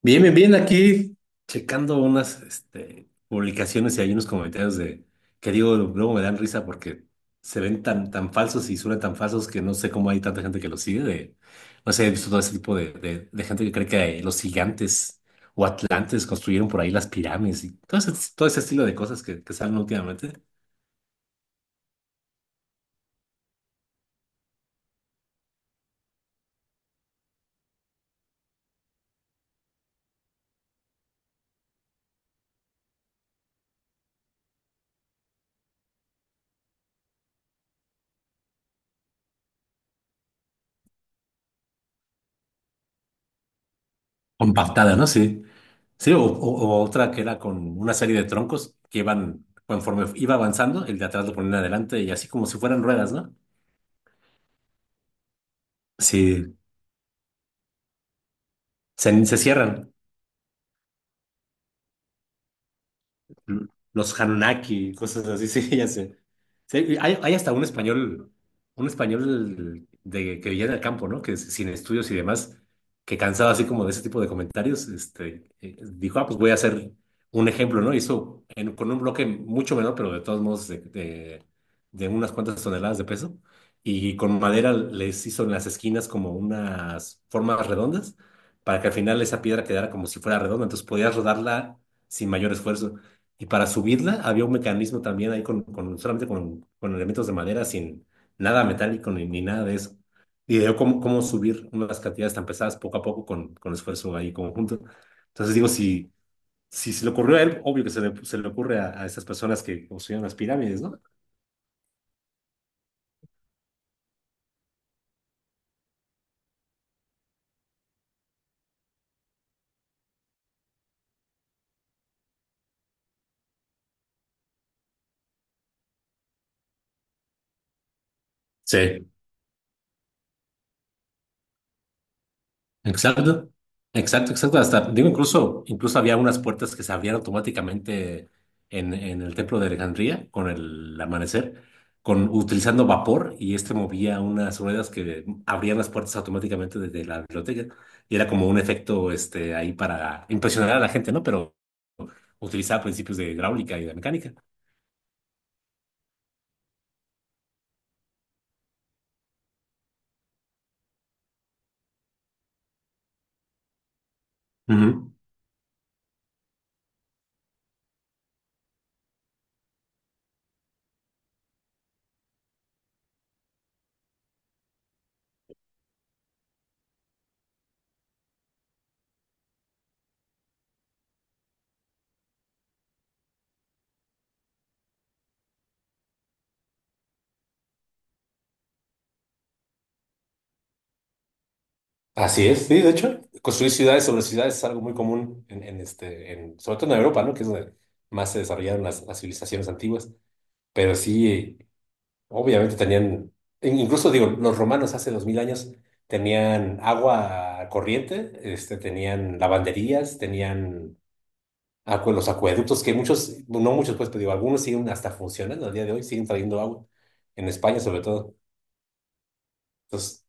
Bien, bien, bien, aquí checando unas publicaciones y hay unos comentarios de que digo, luego me dan risa porque se ven tan falsos y suenan tan falsos que no sé cómo hay tanta gente que los sigue. De, no sé, he visto todo ese tipo de, de gente que cree que los gigantes o atlantes construyeron por ahí las pirámides y todo ese estilo de cosas que salen últimamente. Compactada, ¿no? Sí. Sí, o otra que era con una serie de troncos que iban, conforme iba avanzando, el de atrás lo ponían adelante y así como si fueran ruedas, ¿no? Sí, se cierran. Los Anunnaki, cosas así, sí, ya sé. Sí, hay hasta un español de, que vivía en el campo, ¿no? Sin estudios y demás, que cansado así como de ese tipo de comentarios, dijo, ah, pues voy a hacer un ejemplo, ¿no? Con un bloque mucho menor, pero de todos modos de unas cuantas toneladas de peso, y con madera les hizo en las esquinas como unas formas redondas, para que al final esa piedra quedara como si fuera redonda, entonces podías rodarla sin mayor esfuerzo. Y para subirla había un mecanismo también ahí solamente con elementos de madera, sin nada metálico ni nada de eso. Y veo cómo subir unas cantidades tan pesadas poco a poco con esfuerzo ahí conjunto. Entonces digo, si, si se le ocurrió a él, obvio que se le ocurre a esas personas que construyeron las pirámides, ¿no? Sí. Exacto, exacto, exacto. Hasta, digo, incluso, incluso había unas puertas que se abrían automáticamente en el templo de Alejandría con el amanecer, con, utilizando vapor, y este movía unas ruedas que abrían las puertas automáticamente desde la biblioteca. Y era como un efecto este, ahí para impresionar a la gente, ¿no? Pero utilizaba principios de hidráulica y de mecánica. Ujú. Así es, sí, de hecho, construir ciudades sobre ciudades es algo muy común en este, en, sobre todo en Europa, ¿no? Que es donde más se desarrollaron las civilizaciones antiguas. Pero sí, obviamente tenían, in- incluso digo, los romanos hace 2000 años tenían agua corriente, este, tenían lavanderías, tenían acue- los acueductos, que muchos, no muchos, pues, pero digo, algunos siguen hasta funcionando al día de hoy, siguen trayendo agua, en España sobre todo. Entonces,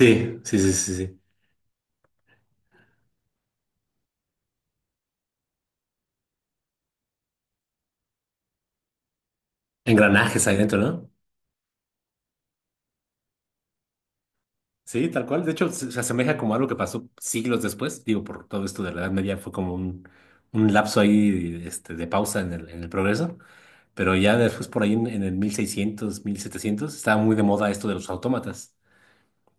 sí, sí, sí, sí, sí. Engranajes ahí dentro, ¿no? Sí, tal cual. De hecho, se asemeja como algo que pasó siglos después. Digo, por todo esto de la Edad Media fue como un lapso ahí este, de pausa en el progreso. Pero ya después, por ahí en el 1600, 1700 estaba muy de moda esto de los autómatas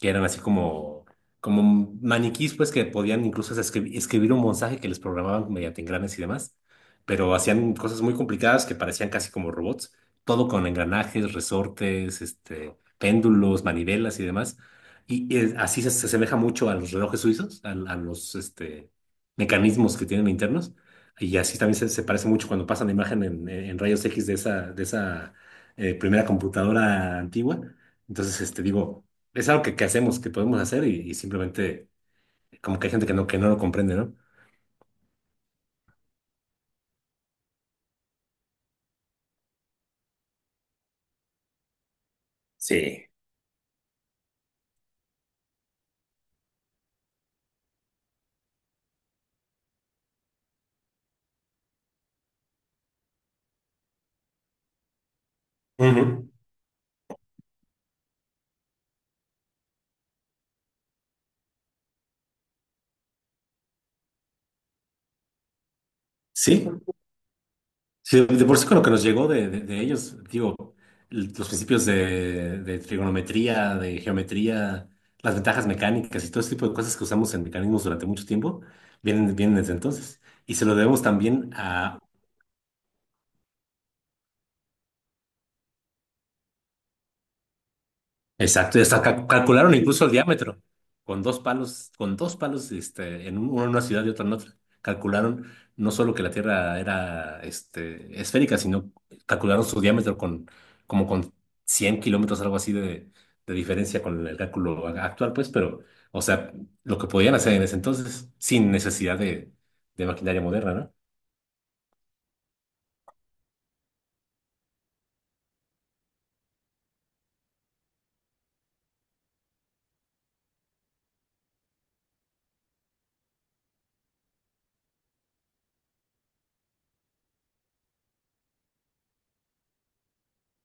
que eran así como, como maniquís, pues que podían incluso escribir un mensaje que les programaban mediante engranes y demás, pero hacían cosas muy complicadas que parecían casi como robots, todo con engranajes, resortes, este, péndulos, manivelas y demás. Y así se asemeja mucho a los relojes suizos, a los este, mecanismos que tienen internos. Y así también se parece mucho cuando pasan la imagen en rayos X de esa primera computadora antigua. Entonces, este, digo, es algo que hacemos, que podemos hacer y simplemente como que hay gente que no lo comprende, ¿no? Sí. Ujú. Sí, sí, de por sí con lo que nos llegó de, de ellos, digo, l- los principios de trigonometría, de geometría, las ventajas mecánicas y todo ese tipo de cosas que usamos en mecanismos durante mucho tiempo, vienen, vienen desde entonces. Y se lo debemos también a exacto, y hasta ca- calcularon. Sí. Incluso el diámetro con dos palos, este, en un- uno en una ciudad y otro en otra. Calcularon no solo que la Tierra era, este, esférica, sino calcularon su diámetro con como con 100 kilómetros, algo así de diferencia con el cálculo a- actual, pues. Pero, o sea, lo que podían hacer en ese entonces sin necesidad de maquinaria moderna,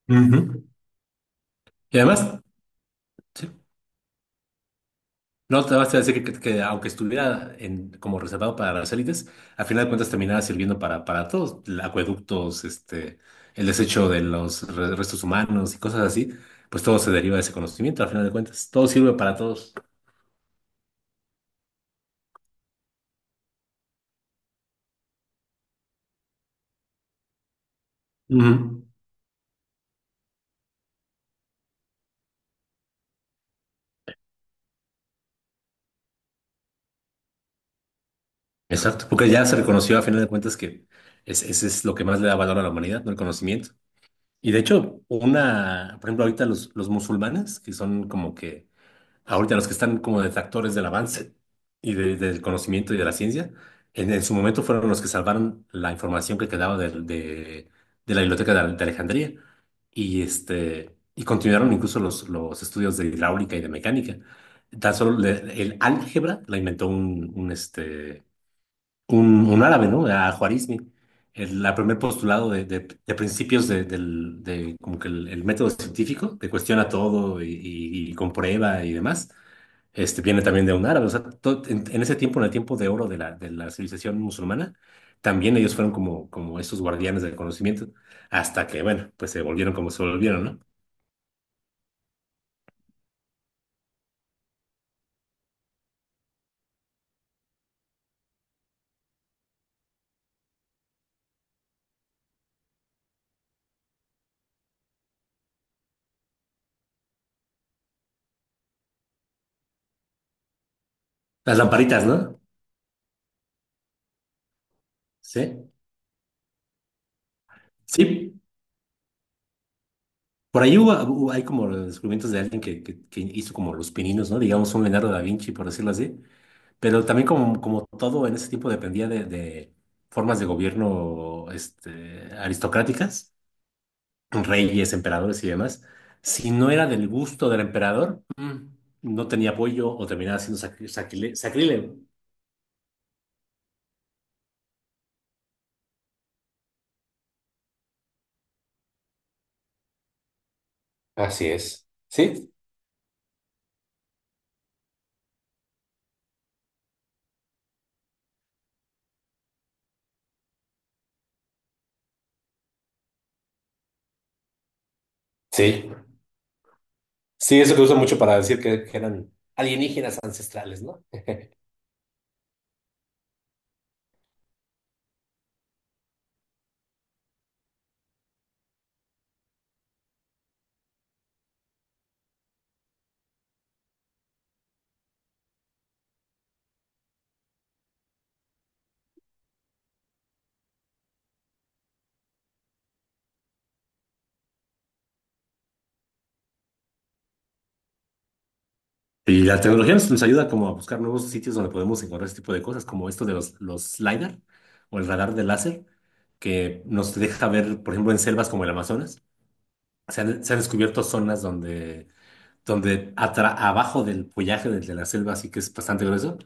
¿no? Ujú. Y además, sí. No, te vas a decir que aunque estuviera en, como reservado para las élites, a final de cuentas terminaba sirviendo para todos, l- acueductos, este, el desecho de los restos humanos y cosas así, pues todo se deriva de ese conocimiento, a final de cuentas, todo sirve para todos. Ujú. Exacto, porque ya se reconoció a final de cuentas que es- ese es lo que más le da valor a la humanidad, ¿no? El conocimiento. Y de hecho, una, por ejemplo, ahorita los musulmanes, que son como que ahorita los que están como detractores del avance y del conocimiento y de la ciencia, en su momento fueron los que salvaron la información que quedaba de la biblioteca de Alejandría y, este, y continuaron incluso los estudios de hidráulica y de mecánica. Tan solo el álgebra la inventó un árabe, ¿no? Al-Juarizmi. El la primer postulado de, de principios de, de como que el método científico, que cuestiona todo y comprueba y demás este, viene también de un árabe, o sea, to- en ese tiempo, en el tiempo de oro de la civilización musulmana, también ellos fueron como, como estos guardianes del conocimiento, hasta que, bueno, pues se volvieron como se volvieron, ¿no? Las lamparitas, ¿no? Sí. Sí, por ahí hay como descubrimientos de alguien que hizo como los pininos, ¿no? Digamos un Leonardo da Vinci, por decirlo así, pero también como, como todo en ese tiempo dependía de formas de gobierno, este, aristocráticas. Reyes, emperadores y demás, si no era del gusto del emperador, no tenía apoyo o terminaba siendo sacrílego. Así es. Sí, sí. Sí, eso que uso mucho para decir que eran alienígenas ancestrales, ¿no? Y la tecnología nos ayuda como a buscar nuevos sitios donde podemos encontrar este tipo de cosas, como esto de los LiDAR o el radar de láser, que nos deja ver, por ejemplo, en selvas como el Amazonas, se han descubierto zonas donde donde abajo del follaje de la selva, así que es bastante grueso,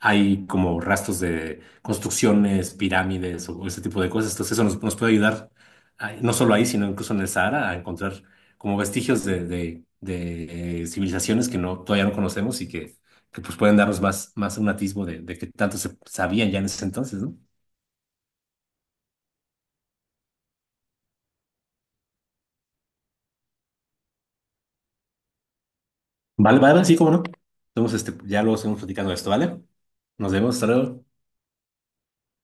hay como rastros de construcciones, pirámides o ese tipo de cosas. Entonces eso nos puede ayudar, ah, no solo ahí, sino incluso en el Sahara, a encontrar como vestigios de, de, civilizaciones que no, todavía no conocemos pues pueden darnos más, más un atisbo de qué tanto se sabían ya en ese entonces, ¿no? Vale, vale, sí, cómo no. Entonces, este, ya luego seguimos platicando de esto, ¿vale? Nos vemos, hasta luego.